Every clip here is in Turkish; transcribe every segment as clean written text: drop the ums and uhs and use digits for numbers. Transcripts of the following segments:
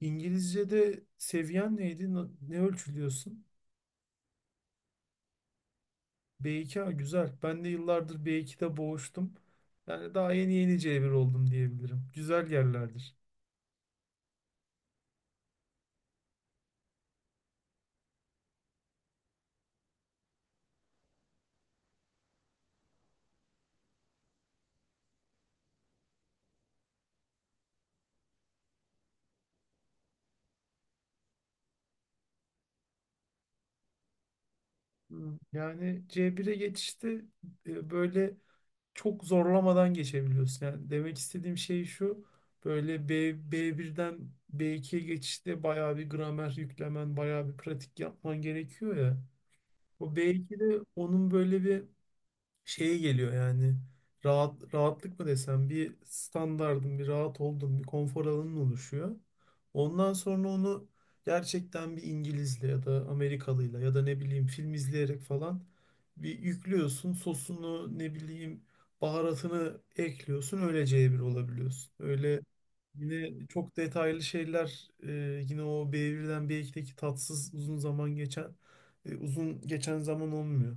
İngilizce'de seviyen neydi? Ne ölçülüyorsun? B2 ha, güzel. Ben de yıllardır B2'de boğuştum. Yani daha yeni yeni C1 oldum diyebilirim. Güzel yerlerdir. Hmm. Yani C1'e geçişte böyle çok zorlamadan geçebiliyorsun. Yani demek istediğim şey şu. Böyle B1'den B2'ye geçişte bayağı bir gramer yüklemen, bayağı bir pratik yapman gerekiyor ya. O B2'de onun böyle bir şeye geliyor yani rahatlık mı desem, bir standardın, bir rahat olduğun bir konfor alanın oluşuyor. Ondan sonra onu gerçekten bir İngilizle ya da Amerikalıyla ya da ne bileyim film izleyerek falan bir yüklüyorsun sosunu, ne bileyim baharatını ekliyorsun, öylece bir olabiliyorsun. Öyle yine çok detaylı şeyler yine o B1'den B2'deki tatsız uzun zaman geçen, uzun geçen zaman olmuyor.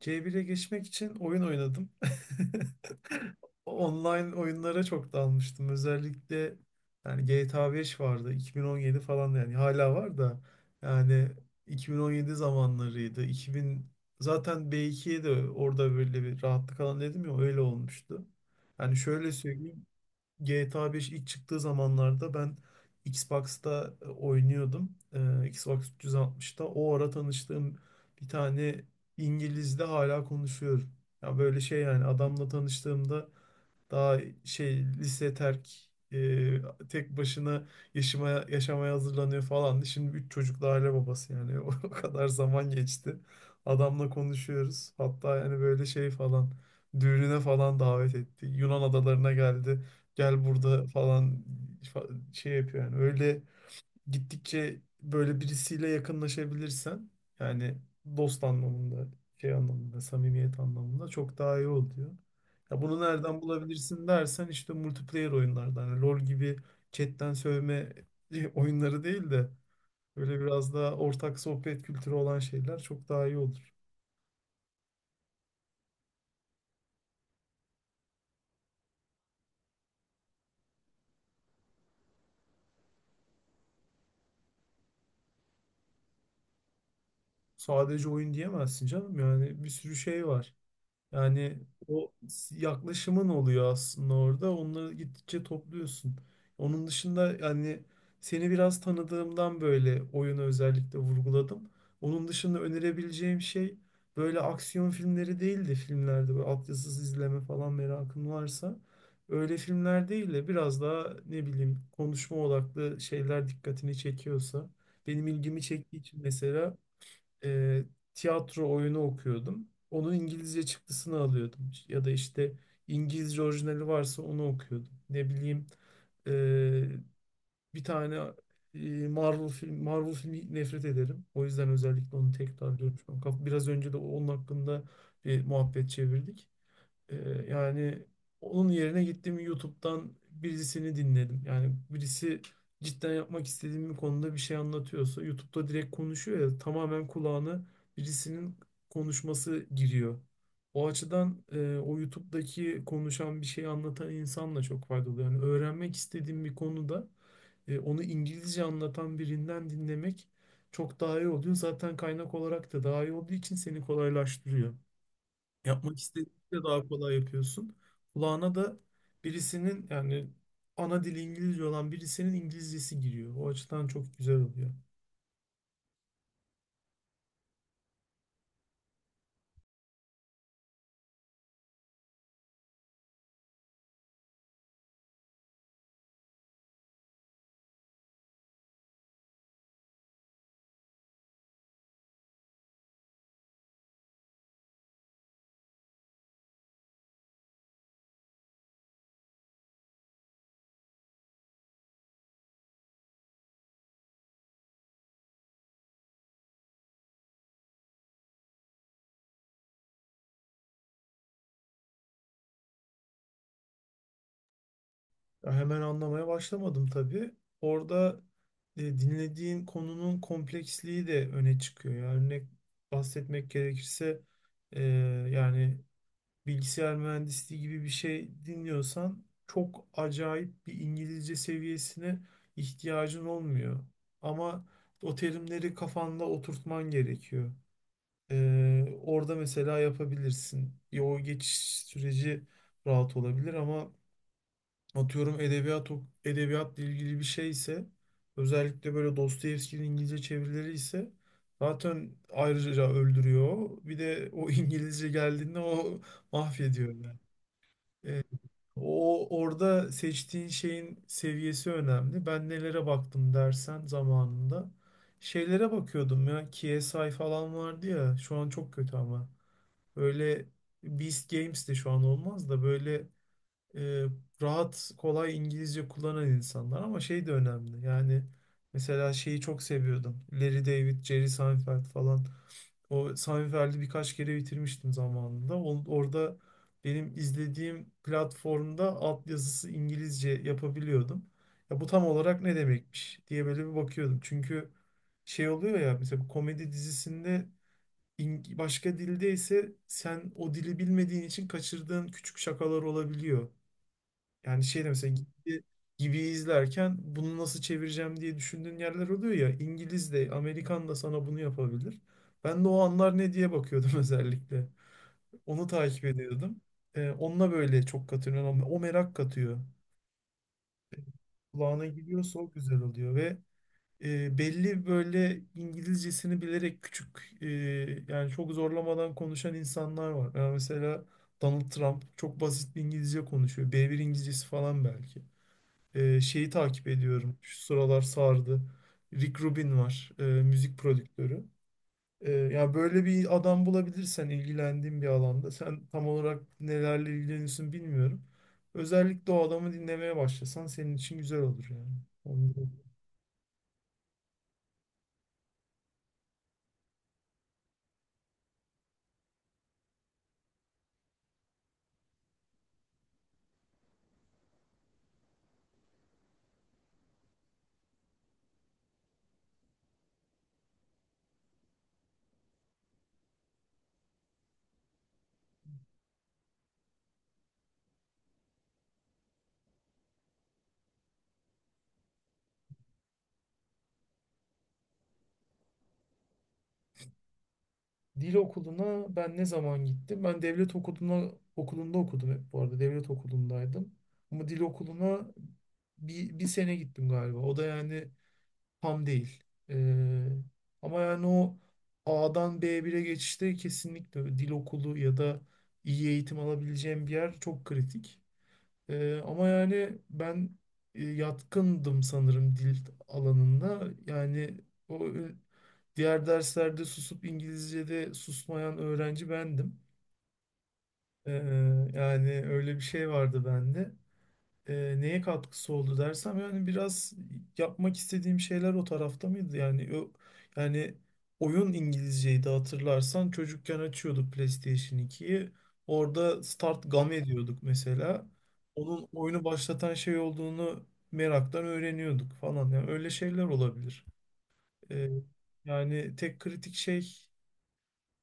C1'e geçmek için oyun oynadım. Online oyunlara çok dalmıştım. Özellikle yani GTA 5 vardı. 2017 falan, yani hala var da, yani 2017 zamanlarıydı. 2000 zaten B2'ye de orada böyle bir rahatlık alan dedim ya, öyle olmuştu. Yani şöyle söyleyeyim. GTA 5 ilk çıktığı zamanlarda ben Xbox'ta oynuyordum. Xbox 360'ta. O ara tanıştığım bir tane İngiliz'de hala konuşuyorum. Ya böyle şey, yani adamla tanıştığımda daha şey lise terk, tek başına yaşamaya hazırlanıyor falan. Şimdi 3 çocuklu aile babası yani o kadar zaman geçti. Adamla konuşuyoruz. Hatta yani böyle şey falan düğününe falan davet etti. Yunan adalarına geldi. Gel burada falan şey yapıyor yani, öyle gittikçe böyle birisiyle yakınlaşabilirsen yani dost anlamında, şey anlamında, samimiyet anlamında çok daha iyi oluyor. Ya bunu nereden bulabilirsin dersen, işte multiplayer oyunlardan, hani LoL gibi chatten sövme oyunları değil de böyle biraz daha ortak sohbet kültürü olan şeyler çok daha iyi olur. Sadece oyun diyemezsin canım, yani bir sürü şey var. Yani yaklaşımın oluyor aslında orada. Onları gittikçe topluyorsun. Onun dışında yani seni biraz tanıdığımdan böyle oyunu özellikle vurguladım. Onun dışında önerebileceğim şey böyle aksiyon filmleri değil de, filmlerde böyle altyazısız izleme falan merakın varsa, öyle filmler değil de biraz daha ne bileyim konuşma odaklı şeyler dikkatini çekiyorsa, benim ilgimi çektiği için mesela e, tiyatro oyunu okuyordum. Onun İngilizce çıktısını alıyordum. Ya da işte İngilizce orijinali varsa onu okuyordum. Ne bileyim, e, bir tane Marvel filmi nefret ederim. O yüzden özellikle onu tekrarlıyorum, tekrar görmüşüm. Biraz önce de onun hakkında bir muhabbet çevirdik. Yani onun yerine gittim YouTube'dan birisini dinledim. Yani birisi cidden yapmak istediğim bir konuda bir şey anlatıyorsa, YouTube'da direkt konuşuyor ya, tamamen kulağına birisinin konuşması giriyor. O açıdan o YouTube'daki konuşan bir şey anlatan insanla çok faydalı. Yani öğrenmek istediğim bir konuda onu İngilizce anlatan birinden dinlemek çok daha iyi oluyor. Zaten kaynak olarak da daha iyi olduğu için seni kolaylaştırıyor. Yapmak istediğinde daha kolay yapıyorsun. Kulağına da birisinin, yani ana dili İngilizce olan birisinin İngilizcesi giriyor. O açıdan çok güzel oluyor. Ya hemen anlamaya başlamadım tabii. Orada dinlediğin konunun kompleksliği de öne çıkıyor. Yani örnek bahsetmek gerekirse, e, yani bilgisayar mühendisliği gibi bir şey dinliyorsan çok acayip bir İngilizce seviyesine ihtiyacın olmuyor. Ama o terimleri kafanda oturtman gerekiyor. Orada mesela yapabilirsin. Ya o geçiş süreci rahat olabilir ama atıyorum edebiyat edebiyatla ilgili bir şey ise, özellikle böyle Dostoyevski'nin İngilizce çevirileri ise, zaten ayrıca öldürüyor. Bir de o İngilizce geldiğinde o mahvediyor yani. E, o orada seçtiğin şeyin seviyesi önemli. Ben nelere baktım dersen zamanında. Şeylere bakıyordum ya. KSI falan vardı ya. Şu an çok kötü ama. Böyle Beast Games de şu an olmaz da, böyle e, rahat, kolay İngilizce kullanan insanlar, ama şey de önemli. Yani mesela şeyi çok seviyordum. Larry David, Jerry Seinfeld falan. O Sami birkaç kere bitirmiştim zamanında. Orada benim izlediğim platformda altyazısı İngilizce yapabiliyordum. Ya bu tam olarak ne demekmiş diye böyle bir bakıyordum. Çünkü şey oluyor ya, mesela bu komedi dizisinde başka dilde ise sen o dili bilmediğin için kaçırdığın küçük şakalar olabiliyor. Yani şey de mesela gibi, gibi izlerken bunu nasıl çevireceğim diye düşündüğün yerler oluyor ya. İngiliz de Amerikan da sana bunu yapabilir. Ben de o anlar ne diye bakıyordum özellikle. Onu takip ediyordum. Onunla böyle çok katılıyorum. O merak katıyor. Kulağına gidiyorsa o güzel oluyor ve belli böyle İngilizcesini bilerek küçük, e, yani çok zorlamadan konuşan insanlar var. Yani mesela Donald Trump çok basit bir İngilizce konuşuyor. B1 İngilizcesi falan belki. Şeyi takip ediyorum. Şu sıralar sardı. Rick Rubin var. Müzik prodüktörü. Yani böyle bir adam bulabilirsen ilgilendiğin bir alanda. Sen tam olarak nelerle ilgileniyorsun bilmiyorum. Özellikle o adamı dinlemeye başlasan senin için güzel olur yani. Onu da- Dil okuluna ben ne zaman gittim? Ben devlet okuluna okulunda okudum hep bu arada. Devlet okulundaydım. Ama dil okuluna 1 sene gittim galiba. O da yani tam değil. Ee, ama yani o A'dan bire geçişte kesinlikle dil okulu ya da iyi eğitim alabileceğim bir yer çok kritik. Ama yani ben yatkındım sanırım dil alanında. Yani o diğer derslerde susup İngilizce'de susmayan öğrenci bendim. Ee, yani öyle bir şey vardı bende, neye katkısı oldu dersem yani biraz yapmak istediğim şeyler o tarafta mıydı? Yani o yani oyun İngilizceydi hatırlarsan, çocukken açıyorduk PlayStation 2'yi. Orada Start Game diyorduk mesela. Onun oyunu başlatan şey olduğunu meraktan öğreniyorduk falan. Yani öyle şeyler olabilir. E, yani tek kritik şey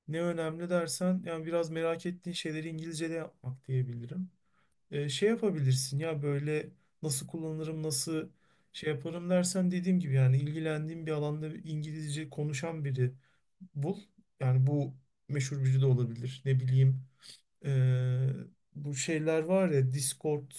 ne önemli dersen, yani biraz merak ettiğin şeyleri İngilizce'de yapmak diyebilirim. Şey yapabilirsin ya, böyle nasıl kullanırım, nasıl şey yaparım dersen, dediğim gibi, yani ilgilendiğin bir alanda İngilizce konuşan biri bul. Yani bu meşhur biri de olabilir. Ne bileyim, e, bu şeyler var ya Discord,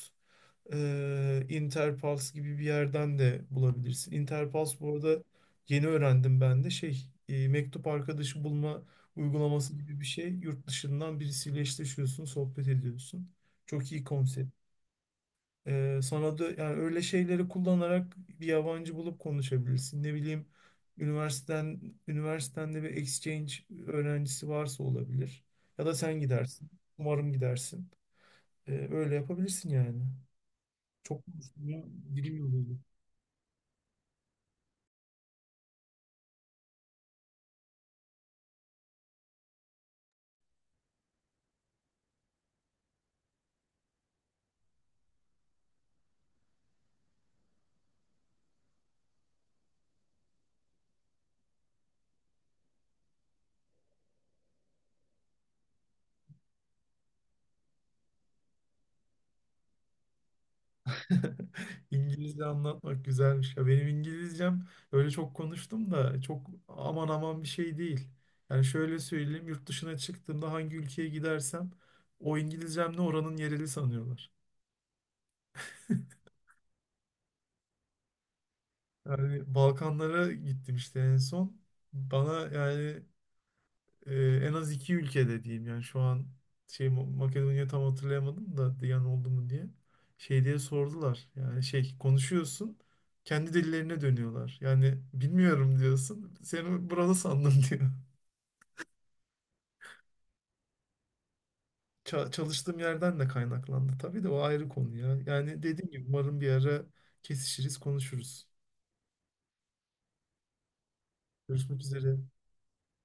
Interpulse gibi bir yerden de bulabilirsin. Interpulse bu arada yeni öğrendim ben de, şey, mektup arkadaşı bulma uygulaması gibi bir şey. Yurt dışından birisiyle eşleşiyorsun, sohbet ediyorsun. Çok iyi konsept. Sana da yani öyle şeyleri kullanarak bir yabancı bulup konuşabilirsin. Ne bileyim üniversiteden üniversitende bir exchange öğrencisi varsa olabilir. Ya da sen gidersin. Umarım gidersin. Öyle yapabilirsin yani. Çok konuştum ya, dilim yoruldu. İngilizce anlatmak güzelmiş. Ya benim İngilizcem öyle, çok konuştum da çok aman aman bir şey değil. Yani şöyle söyleyeyim, yurt dışına çıktığımda hangi ülkeye gidersem o İngilizcemle oranın yereli sanıyorlar. Yani Balkanlara gittim işte en son. Bana yani e, en az iki ülkede diyeyim yani şu an, şey, Makedonya tam hatırlayamadım da, Diyan oldu mu diye. Şey diye sordular. Yani şey konuşuyorsun, kendi dillerine dönüyorlar. Yani bilmiyorum diyorsun. Seni burada sandım diyor. Çalıştığım yerden de kaynaklandı. Tabii de o ayrı konu ya. Yani dediğim gibi, umarım bir ara kesişiriz, konuşuruz. Görüşmek üzere.